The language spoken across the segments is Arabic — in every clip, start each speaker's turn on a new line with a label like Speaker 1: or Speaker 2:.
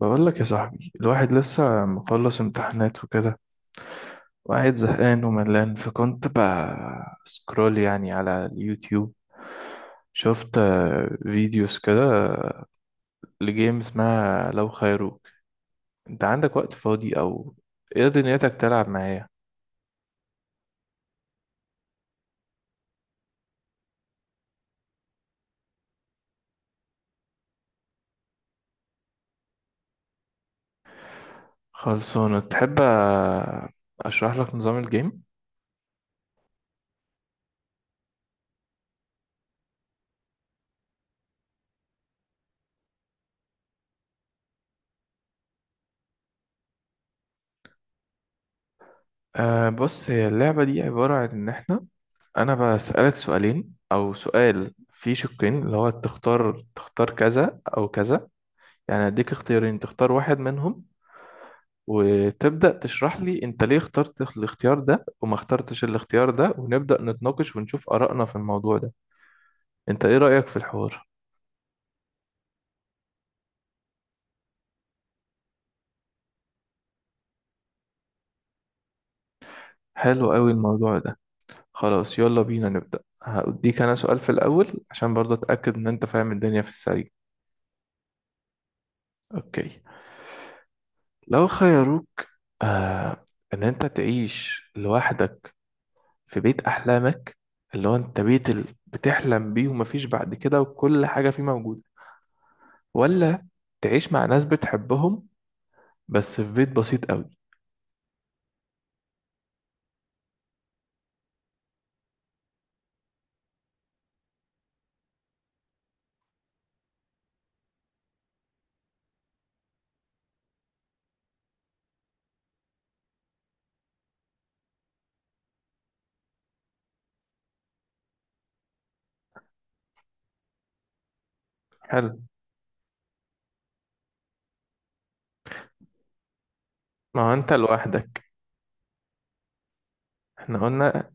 Speaker 1: بقول لك يا صاحبي، الواحد لسه مخلص امتحانات وكده وقاعد زهقان وملان، فكنت بسكرول يعني على اليوتيوب، شفت فيديوز كده لجيم اسمها لو خيروك. انت عندك وقت فاضي او ايه، دنيتك تلعب معايا؟ خلصانة؟ تحب اشرح لك نظام الجيم؟ بص، هي اللعبة دي عبارة عن ان احنا انا بسألك سؤالين او سؤال فيه شقين، اللي هو تختار كذا او كذا. يعني هديك اختيارين، تختار واحد منهم، وتبدأ تشرح لي انت ليه اخترت الاختيار ده وما اخترتش الاختيار ده، ونبدأ نتناقش ونشوف آرائنا في الموضوع ده. انت ايه رأيك في الحوار؟ حلو قوي الموضوع ده. خلاص، يلا بينا نبدأ. هأديك انا سؤال في الأول عشان برضه اتأكد ان انت فاهم الدنيا في السريع. اوكي. لو خيروك آه ان انت تعيش لوحدك في بيت احلامك، اللي هو انت بتحلم بيه ومفيش بعد كده وكل حاجة فيه موجودة، ولا تعيش مع ناس بتحبهم بس في بيت بسيط قوي؟ حلو. ما هو انت لوحدك، احنا قلنا.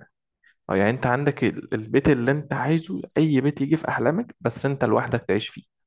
Speaker 1: اه، يعني انت عندك البيت اللي انت عايزه، اي بيت يجي في احلامك، بس انت لوحدك تعيش فيه.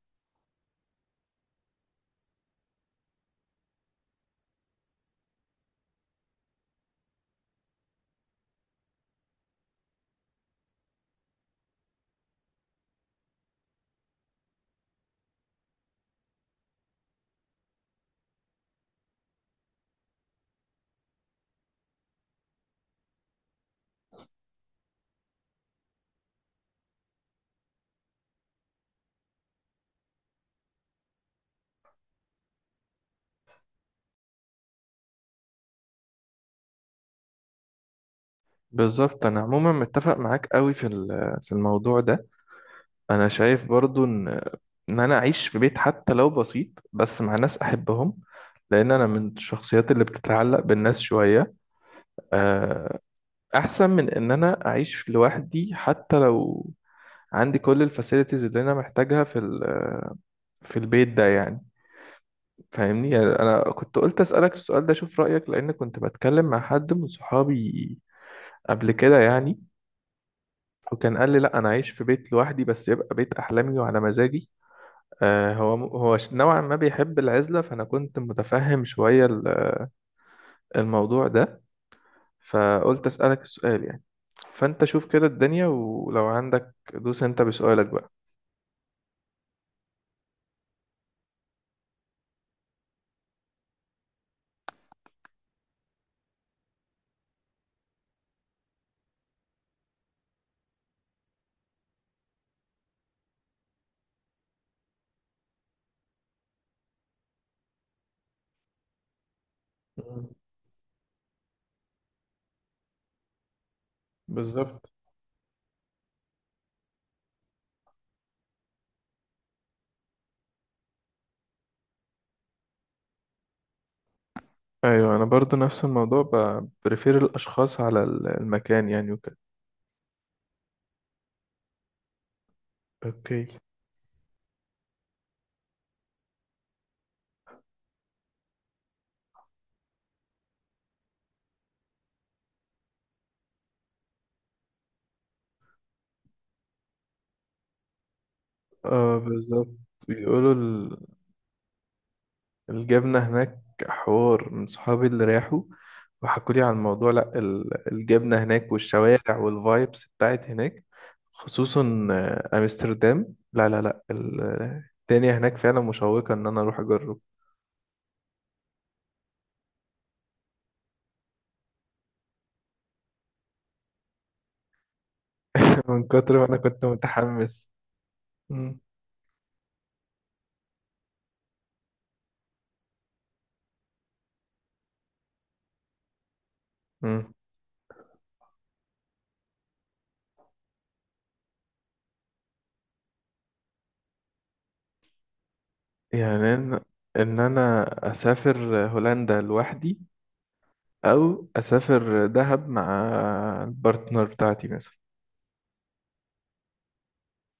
Speaker 1: بالظبط، انا عموما متفق معاك قوي في في الموضوع ده. انا شايف برضو ان انا اعيش في بيت حتى لو بسيط بس مع ناس احبهم، لان انا من الشخصيات اللي بتتعلق بالناس شوية، آه، احسن من ان انا اعيش لوحدي حتى لو عندي كل الفاسيلتيز اللي انا محتاجها في في البيت ده يعني. فاهمني؟ يعني انا كنت قلت اسالك السؤال ده اشوف رايك، لان كنت بتكلم مع حد من صحابي قبل كده يعني، وكان قال لي لا، انا عايش في بيت لوحدي بس يبقى بيت احلامي وعلى مزاجي. هو نوعا ما بيحب العزله، فانا كنت متفهم شويه الموضوع ده، فقلت اسالك السؤال يعني. فانت شوف كده الدنيا، ولو عندك دوس انت بسؤالك بقى. مم. بالظبط. ايوه، انا برضو نفس الموضوع، بريفير الاشخاص على المكان يعني وكده. اوكي. اه، بالظبط. بيقولوا الجبنه هناك. حوار من صحابي اللي راحوا وحكوا لي عن الموضوع. لا، الجبنه هناك والشوارع والفايبس بتاعت هناك، خصوصا امستردام. لا لا لا، الدنيا هناك فعلا مشوقه ان انا اروح اجرب. من كتر ما انا كنت متحمس. مم. يعني ان انا اسافر هولندا لوحدي، او اسافر دهب مع البارتنر بتاعتي مثلا.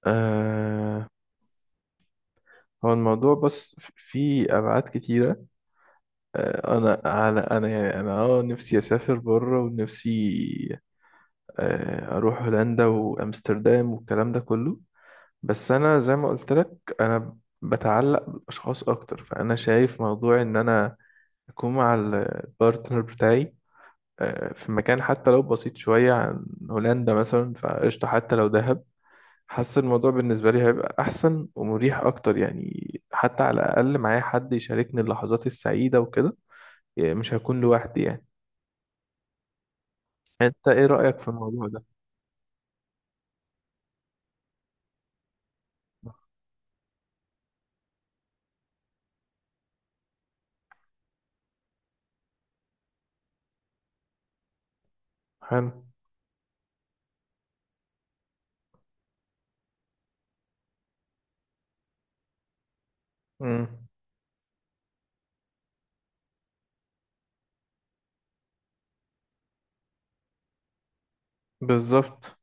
Speaker 1: أه هو الموضوع بس في ابعاد كتيره. أه انا على انا يعني انا اه نفسي اسافر بره ونفسي. اروح هولندا وامستردام والكلام ده كله. بس انا زي ما قلت لك، انا بتعلق بالاشخاص اكتر، فانا شايف موضوع ان انا اكون مع البارتنر بتاعي، في مكان حتى لو بسيط شوية عن هولندا مثلا، فقشطة حتى لو دهب. حاسس الموضوع بالنسبة لي هيبقى أحسن ومريح أكتر يعني، حتى على الأقل معايا حد يشاركني اللحظات السعيدة وكده، يعني مش هكون لوحدي يعني. أنت إيه رأيك في الموضوع ده؟ حلو. امم. بالظبط.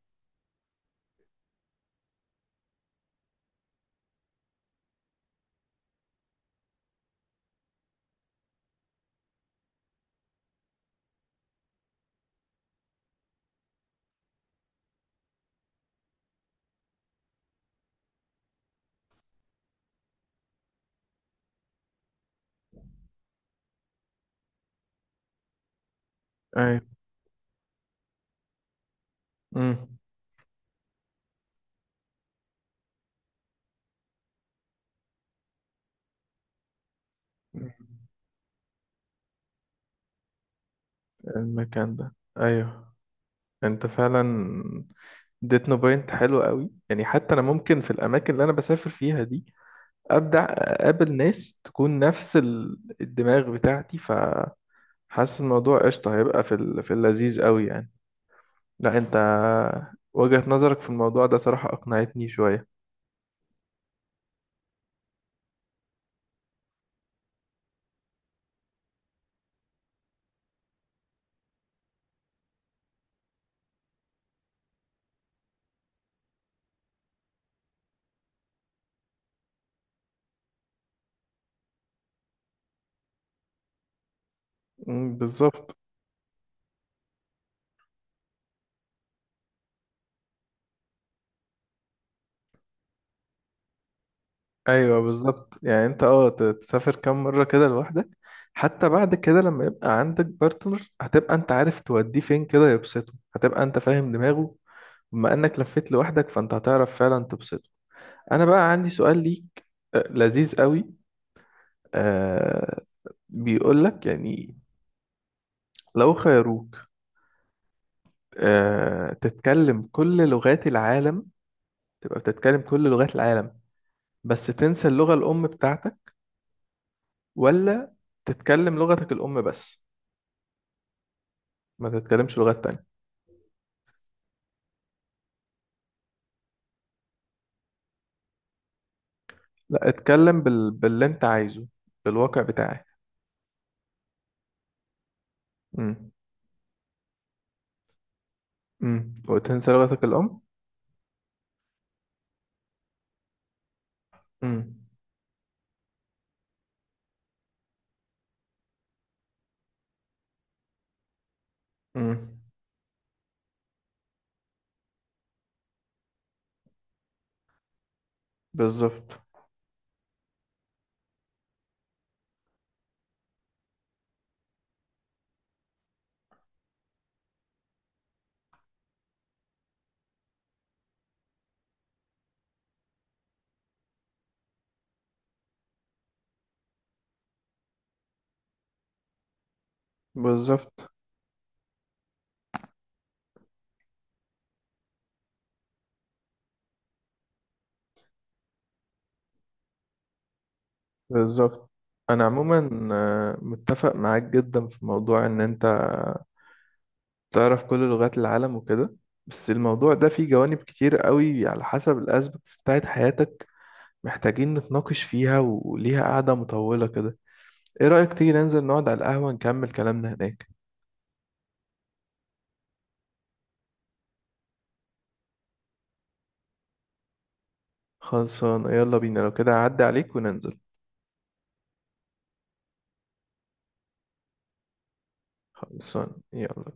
Speaker 1: أيوه. امم. المكان ده. أيوه. أنت فعلا اديتنا بوينت حلو قوي يعني، حتى أنا ممكن في الأماكن اللي أنا بسافر فيها دي ابدع، اقابل ناس تكون نفس الدماغ بتاعتي، فحاسس الموضوع قشطه هيبقى في في اللذيذ قوي يعني. لا انت، وجهة نظرك في الموضوع ده صراحه اقنعتني شويه. أمم، بالظبط. ايوه بالظبط، يعني انت تسافر كام مره كده لوحدك. حتى بعد كده لما يبقى عندك بارتنر هتبقى انت عارف توديه فين كده يبسطه، هتبقى انت فاهم دماغه بما انك لفيت لوحدك، فانت هتعرف فعلا تبسطه. انا بقى عندي سؤال ليك لذيذ قوي. بيقولك يعني، لو خيروك تتكلم كل لغات العالم، تبقى بتتكلم كل لغات العالم بس تنسى اللغة الأم بتاعتك؟ ولا تتكلم لغتك الأم بس ما تتكلمش لغات تانية؟ لا، اتكلم باللي انت عايزه، بالواقع بتاعك. امم. امم. وتنسى لغتك الأم. امم. امم. بالظبط. بالظبط. بالظبط. أنا عموما متفق معاك جدا في موضوع إن أنت تعرف كل لغات العالم وكده، بس الموضوع ده فيه جوانب كتير قوي على حسب الاسبكتس بتاعت حياتك، محتاجين نتناقش فيها وليها قعدة مطولة كده. ايه رأيك تيجي ننزل نقعد على القهوة نكمل كلامنا هناك؟ خلصان. يلا بينا لو كده، اعدي عليك وننزل. خلصان يلا.